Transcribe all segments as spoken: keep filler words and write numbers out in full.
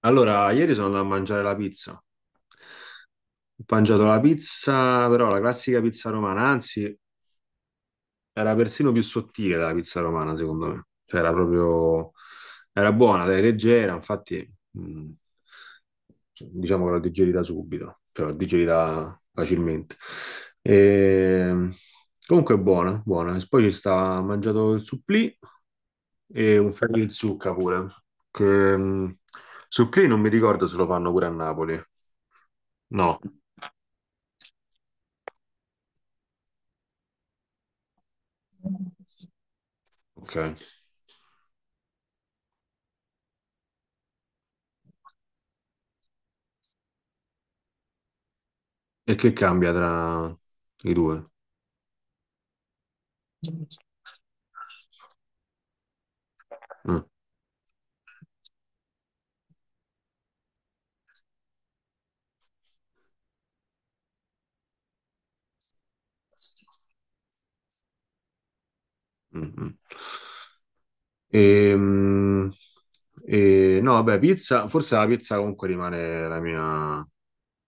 Allora, ieri sono andato a mangiare la pizza. Ho mangiato la pizza, però la classica pizza romana, anzi, era persino più sottile della pizza romana, secondo me. Cioè, era proprio. Era buona, dai, leggera, infatti, mh, diciamo che l'ho digerita subito, cioè l'ho digerita facilmente. E... Comunque è buona, buona. E poi ci sta, ho mangiato il supplì e un ferro in zucca pure, che, mh, su Play non mi ricordo se lo fanno pure a Napoli. No, ok. E che cambia tra i due? Ah, mm, mm. E, mh, e- no, vabbè, pizza, forse la pizza comunque rimane la mia,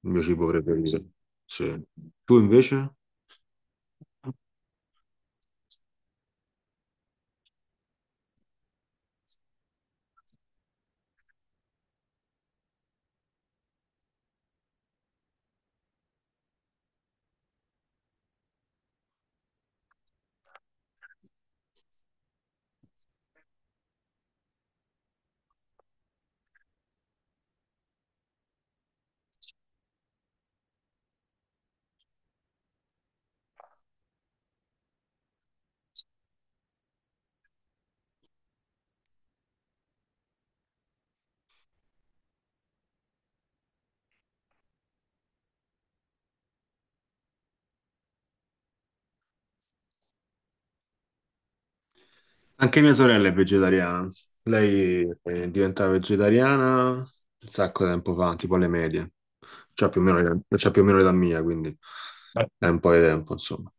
il mio cibo preferito. Sì. Tu invece? Anche mia sorella è vegetariana. Lei è diventata vegetariana un sacco di tempo fa, tipo alle medie. C'ha più o meno, l'età- c'ha più o meno l'età mia, quindi è un po' di tempo, insomma.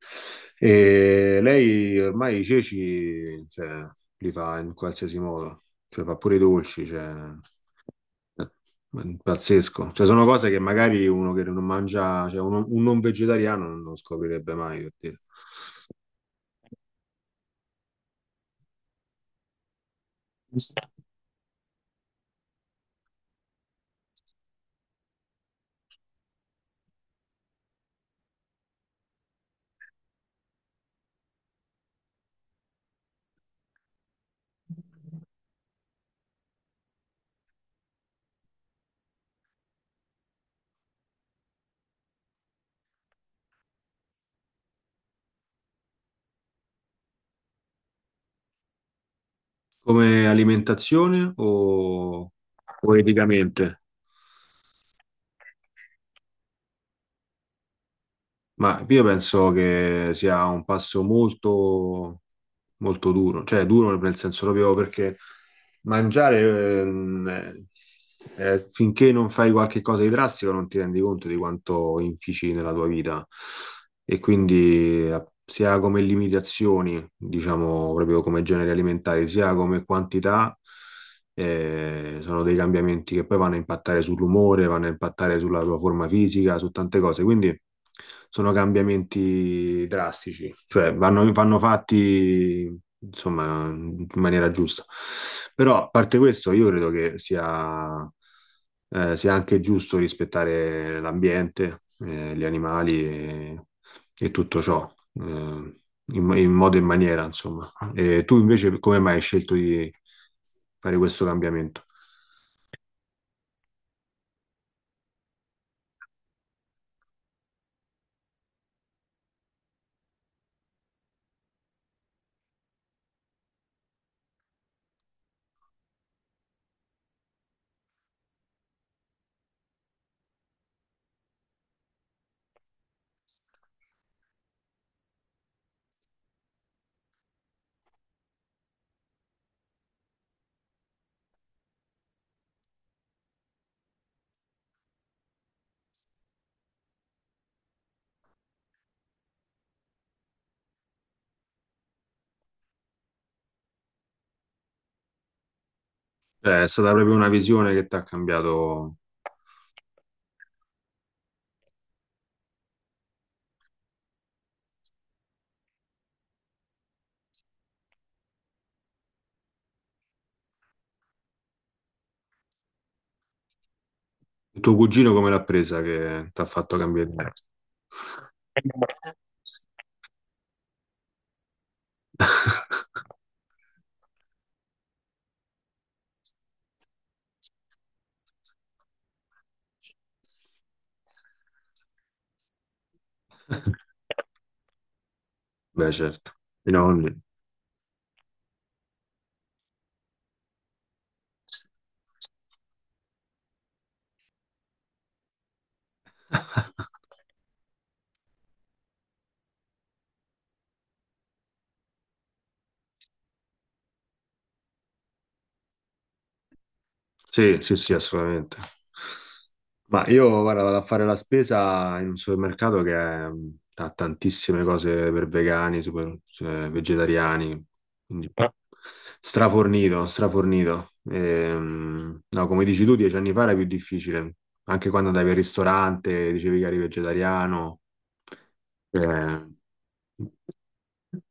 E lei ormai i ceci, cioè, li fa in qualsiasi modo. Cioè, fa pure i dolci, cioè, è pazzesco. Cioè, sono cose che magari uno che non mangia, cioè, uno- un non vegetariano non lo scoprirebbe mai, per dire. Come alimentazione o, o eticamente? Ma io penso che sia un passo molto, molto duro, cioè duro nel senso proprio perché mangiare, ehm, eh, finché non fai qualche cosa di drastico non ti rendi conto di quanto infici nella tua vita. E quindi, eh, sia come limitazioni, diciamo proprio come generi alimentari, sia come quantità, eh, sono dei cambiamenti che poi vanno a impattare sull'umore, vanno a impattare sulla tua forma fisica, su tante cose. Quindi sono cambiamenti drastici, cioè vanno, vanno fatti insomma in maniera giusta. Però a parte questo, io credo che sia eh, sia anche giusto rispettare l'ambiente, eh, gli animali e, e tutto ciò, eh, in, in modo e in maniera, insomma. E tu invece come mai hai scelto di fare questo cambiamento? Cioè, è stata proprio una visione che ti ha cambiato. Il tuo cugino come l'ha presa che ti ha fatto cambiare idea? Beh, certo, i nonni. Sì, sì, sì, assolutamente. Ma io, guarda, vado a fare la spesa in un supermercato che è- ha tantissime cose per vegani, super, cioè, vegetariani, quindi, Eh, strafornito, strafornito. Ehm, no, come dici tu, dieci anni fa era più difficile, anche quando andavi al ristorante, dicevi che eri vegetariano. Eh,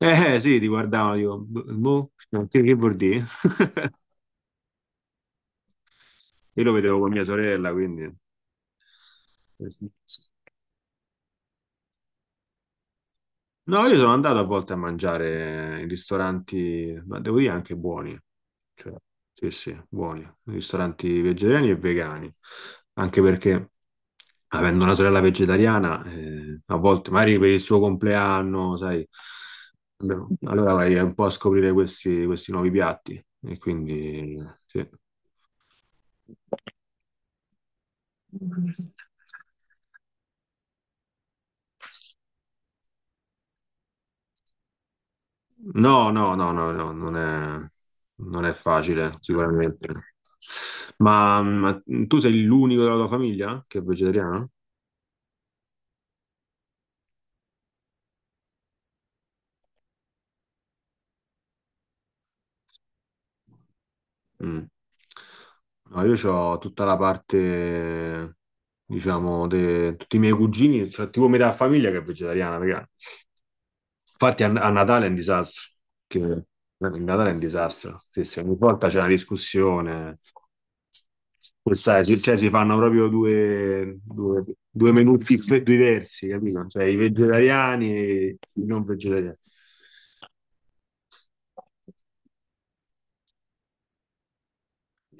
eh, sì, ti guardavano, dico, boh, boh, che, che vuol dire? Io lo vedevo con mia sorella, quindi. Eh sì. No, io sono andato a volte a mangiare in ristoranti, ma devo dire anche buoni, cioè, sì, sì, buoni, ristoranti vegetariani e vegani, anche perché avendo una sorella vegetariana, eh, a volte magari per il suo compleanno, sai, no, allora vai un po' a scoprire questi, questi nuovi piatti, e quindi sì. No, no, no, no, no, non è, non è facile, sicuramente. Ma, ma tu sei l'unico della tua famiglia che è vegetariano? Mm. No, io ho tutta la parte, diciamo, de- tutti i miei cugini, cioè tipo metà famiglia che è vegetariana, raga. Infatti a, a Natale è un disastro, che, eh, il Natale è un disastro, sì, sì, ogni volta c'è una discussione. Questa è, cioè, si fanno proprio due, due, due menù dif- diversi, capito? Cioè i vegetariani e i non vegetariani.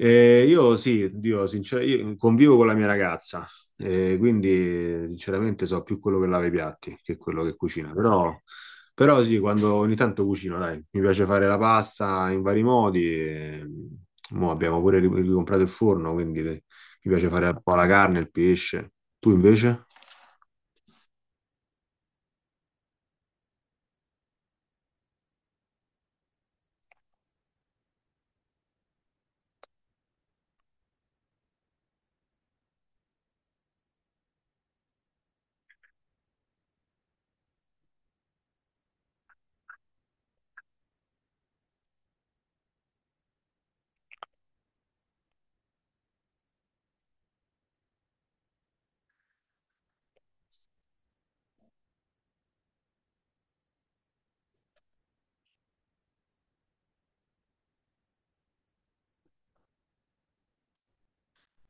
Eh, io sì, Dio, sinceramente, io convivo con la mia ragazza, eh, quindi, eh, sinceramente so più quello che lava i piatti che quello che cucina, però, però, sì, quando ogni tanto cucino, dai, mi piace fare la pasta in vari modi, e, mo abbiamo pure ri- ricomprato il forno, quindi, eh, mi piace fare un po' la carne, il pesce. Tu invece?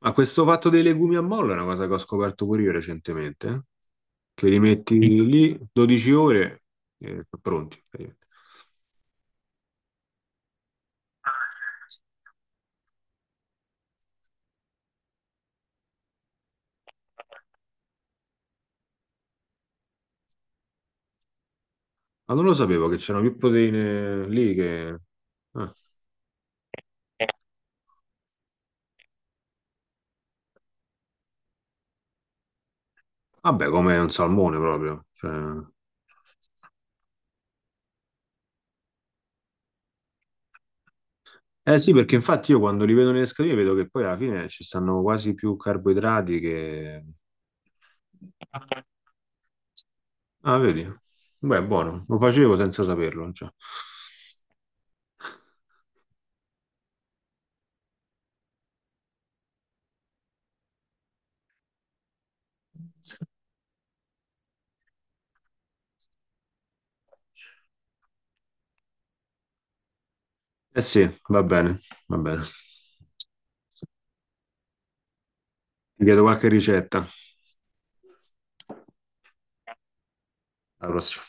Ma questo fatto dei legumi a mollo è una cosa che ho scoperto pure io recentemente, eh. Che li metti Sì. lì dodici ore e sono pronti. Praticamente. Ma non lo sapevo che c'erano più proteine lì che... eh. Vabbè, come un salmone proprio, cioè. Eh sì, perché infatti io quando li vedo nelle scatole vedo che poi alla fine ci stanno quasi più carboidrati che... Ah, vedi? Beh, buono, lo facevo senza saperlo, cioè. Eh sì, va bene, va bene. Ti chiedo qualche ricetta. Alla prossima.